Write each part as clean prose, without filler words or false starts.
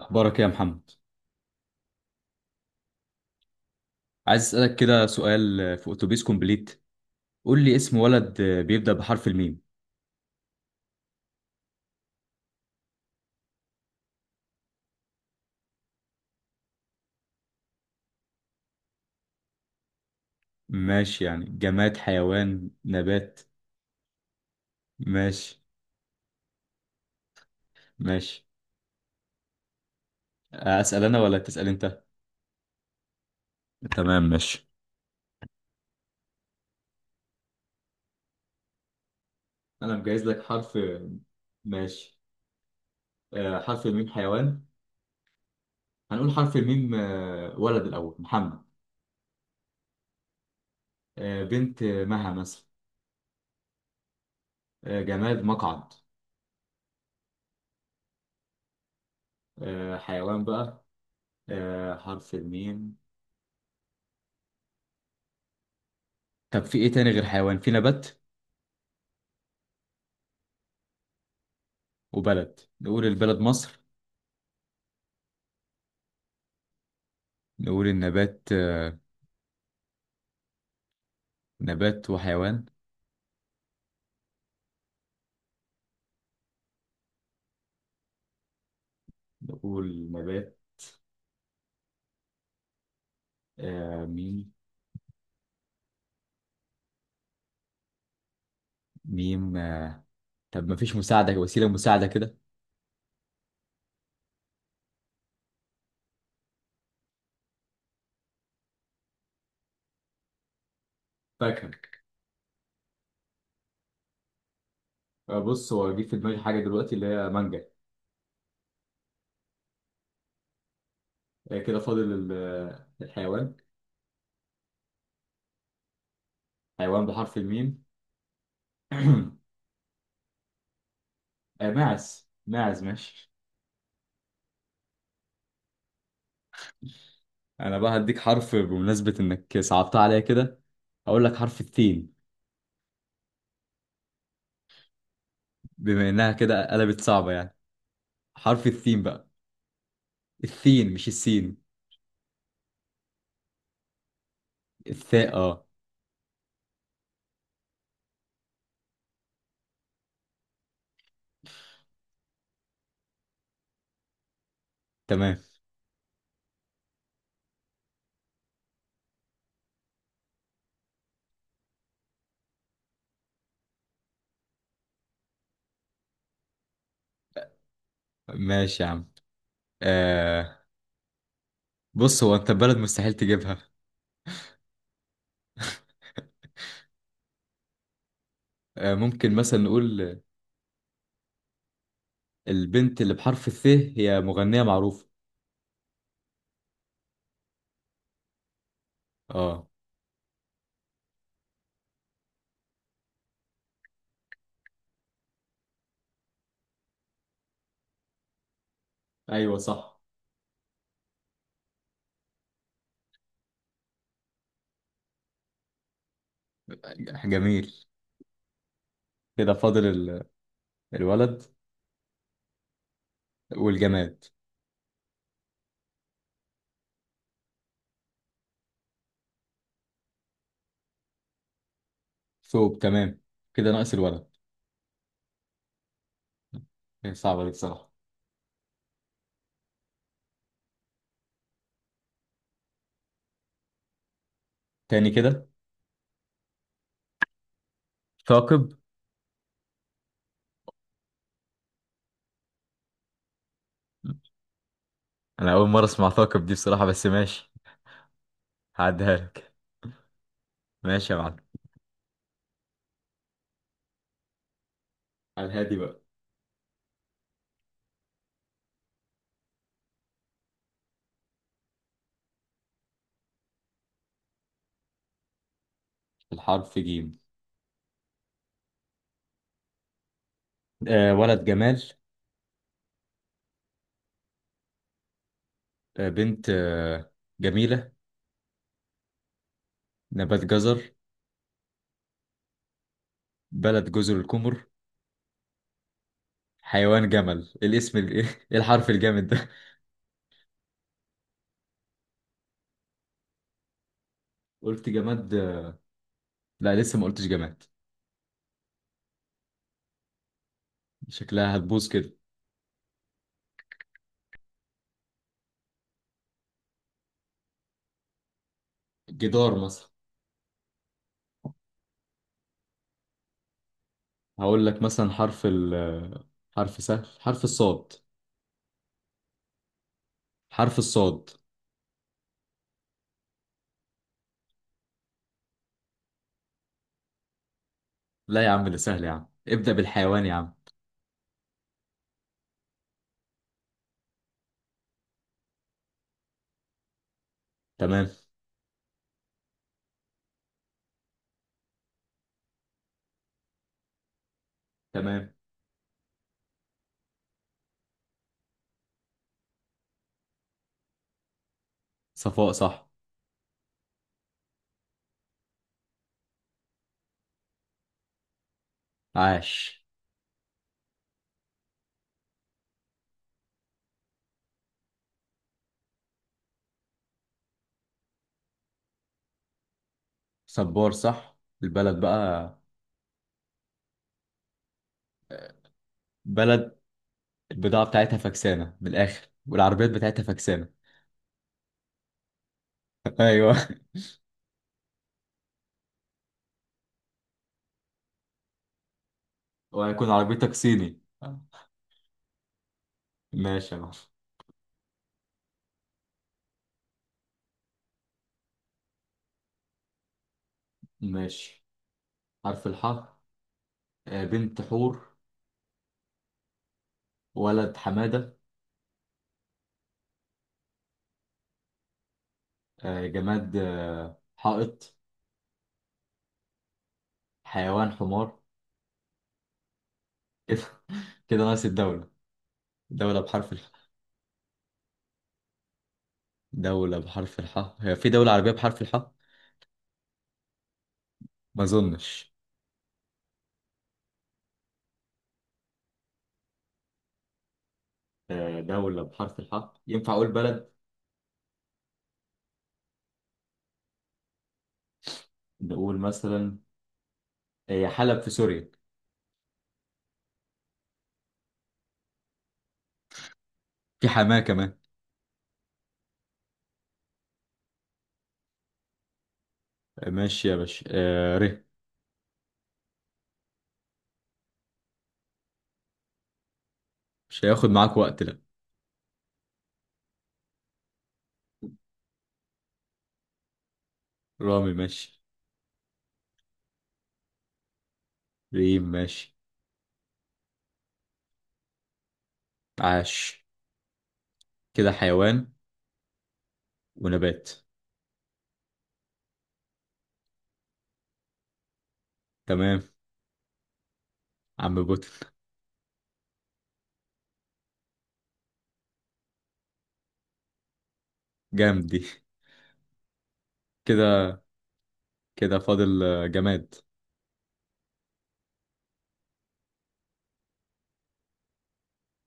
أخبارك إيه يا محمد؟ عايز أسألك كده سؤال في أتوبيس كومبليت. قول لي اسم ولد بيبدأ بحرف الميم. ماشي، يعني جماد، حيوان، نبات. ماشي. ماشي. أسأل أنا ولا تسأل أنت؟ تمام، ماشي. أنا مجهز لك حرف. ماشي. حرف الميم، حيوان. هنقول حرف الميم. ولد الأول محمد. بنت مها مثلا. جماد، مقعد. حيوان بقى. حرف الميم. طب في إيه تاني؟ غير حيوان، في نبات وبلد. نقول البلد مصر. نقول النبات. نبات وحيوان. نقول نبات ميم. ميم طب ما فيش مساعدة؟ وسيلة مساعدة كده. فاكهة. بص، هو جه في دماغي حاجة دلوقتي اللي هي مانجا. كده فاضل الحيوان. حيوان بحرف الميم. ماعز. ماعز، ماشي. أنا بقى هديك حرف بمناسبة إنك صعبتها عليا كده. هقول لك حرف الثين. بما إنها كده قلبت صعبة يعني، حرف الثين بقى. الثين، مش السين. الثاء، اه. تمام، ماشي يا عم. آه، بص، هو انت بلد مستحيل تجيبها. آه، ممكن مثلا نقول البنت اللي بحرف الثاء هي مغنية معروفة. اه. ايوه، صح. جميل. كده فاضل الولد والجماد. ثوب، تمام. كده ناقص الولد. هي صعبة دي بصراحة. تاني كده؟ ثاقب. انا اول مرة اسمع ثاقب دي بصراحة، بس ماشي، هعديها لك. ماشي يا معلم، على الهادي بقى. الحرف جيم. آه، ولد جمال. بنت جميلة. نبات، جزر. بلد، جزر القمر. حيوان، جمل. إيه الاسم ايه الحرف الجامد ده! قلت جماد. لا، لسه ما قلتش جماد. شكلها هتبوظ كده. جدار مثلا. هقول لك مثلا حرف ال آه، حرف سهل، حرف الصاد. حرف الصاد. لا يا عم، ده سهل يا عم، ابدأ بالحيوان يا عم. تمام. تمام. صفاء، صح. عاش. صبار، صح. البلد بقى. بلد البضاعة بتاعتها فكسانة من الآخر والعربيات بتاعتها فكسانة. ايوه. وهيكون عربيتك صيني. ماشي يا معلم. ماشي، حرف الحاء. بنت حور. ولد حمادة. جماد حائط. حيوان، حمار. كده. كده ناقص الدولة. دولة بحرف الحاء. دولة بحرف الحاء، هي في دولة عربية بحرف الحاء؟ ما أظنش. دولة بحرف الحاء، ينفع أقول بلد؟ نقول مثلا هي حلب في سوريا. في حماة كمان. آه، ماشي يا باشا. آه، ر. مش هياخد معاك وقت، لا. رامي، ماشي. ريم، ماشي. عاش. كده حيوان ونبات. تمام. عم بوتن. جامد دي. كده. كده فاضل جماد.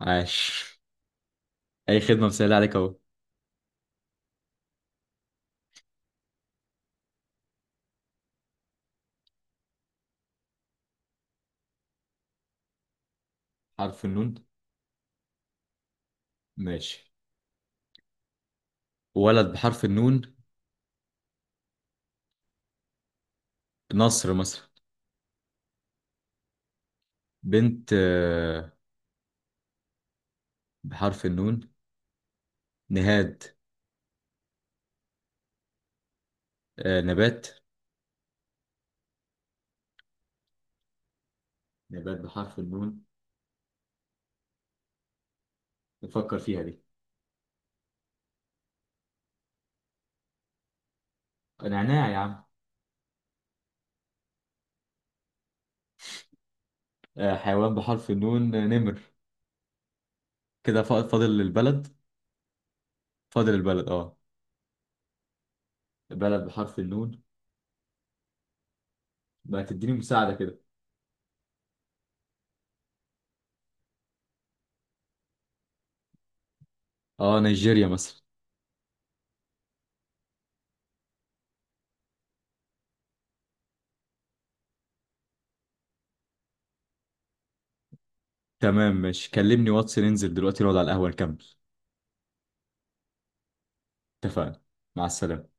عاش. اي خدمة، مسهلة عليك اهو. حرف النون. ماشي. ولد بحرف النون، نصر مثلا. بنت بحرف النون، نهاد. نبات. نبات بحرف النون، نفكر فيها دي. نعناع يا عم. حيوان بحرف النون نمر. كده فاضل البلد. فاضل البلد، اه. بلد بحرف النون. بقى تديني مساعدة كده. اه، نيجيريا مثلا. تمام، ماشي، كلمني واتس، ننزل دلوقتي نقعد على القهوة نكمل. اتفقنا. مع السلامة.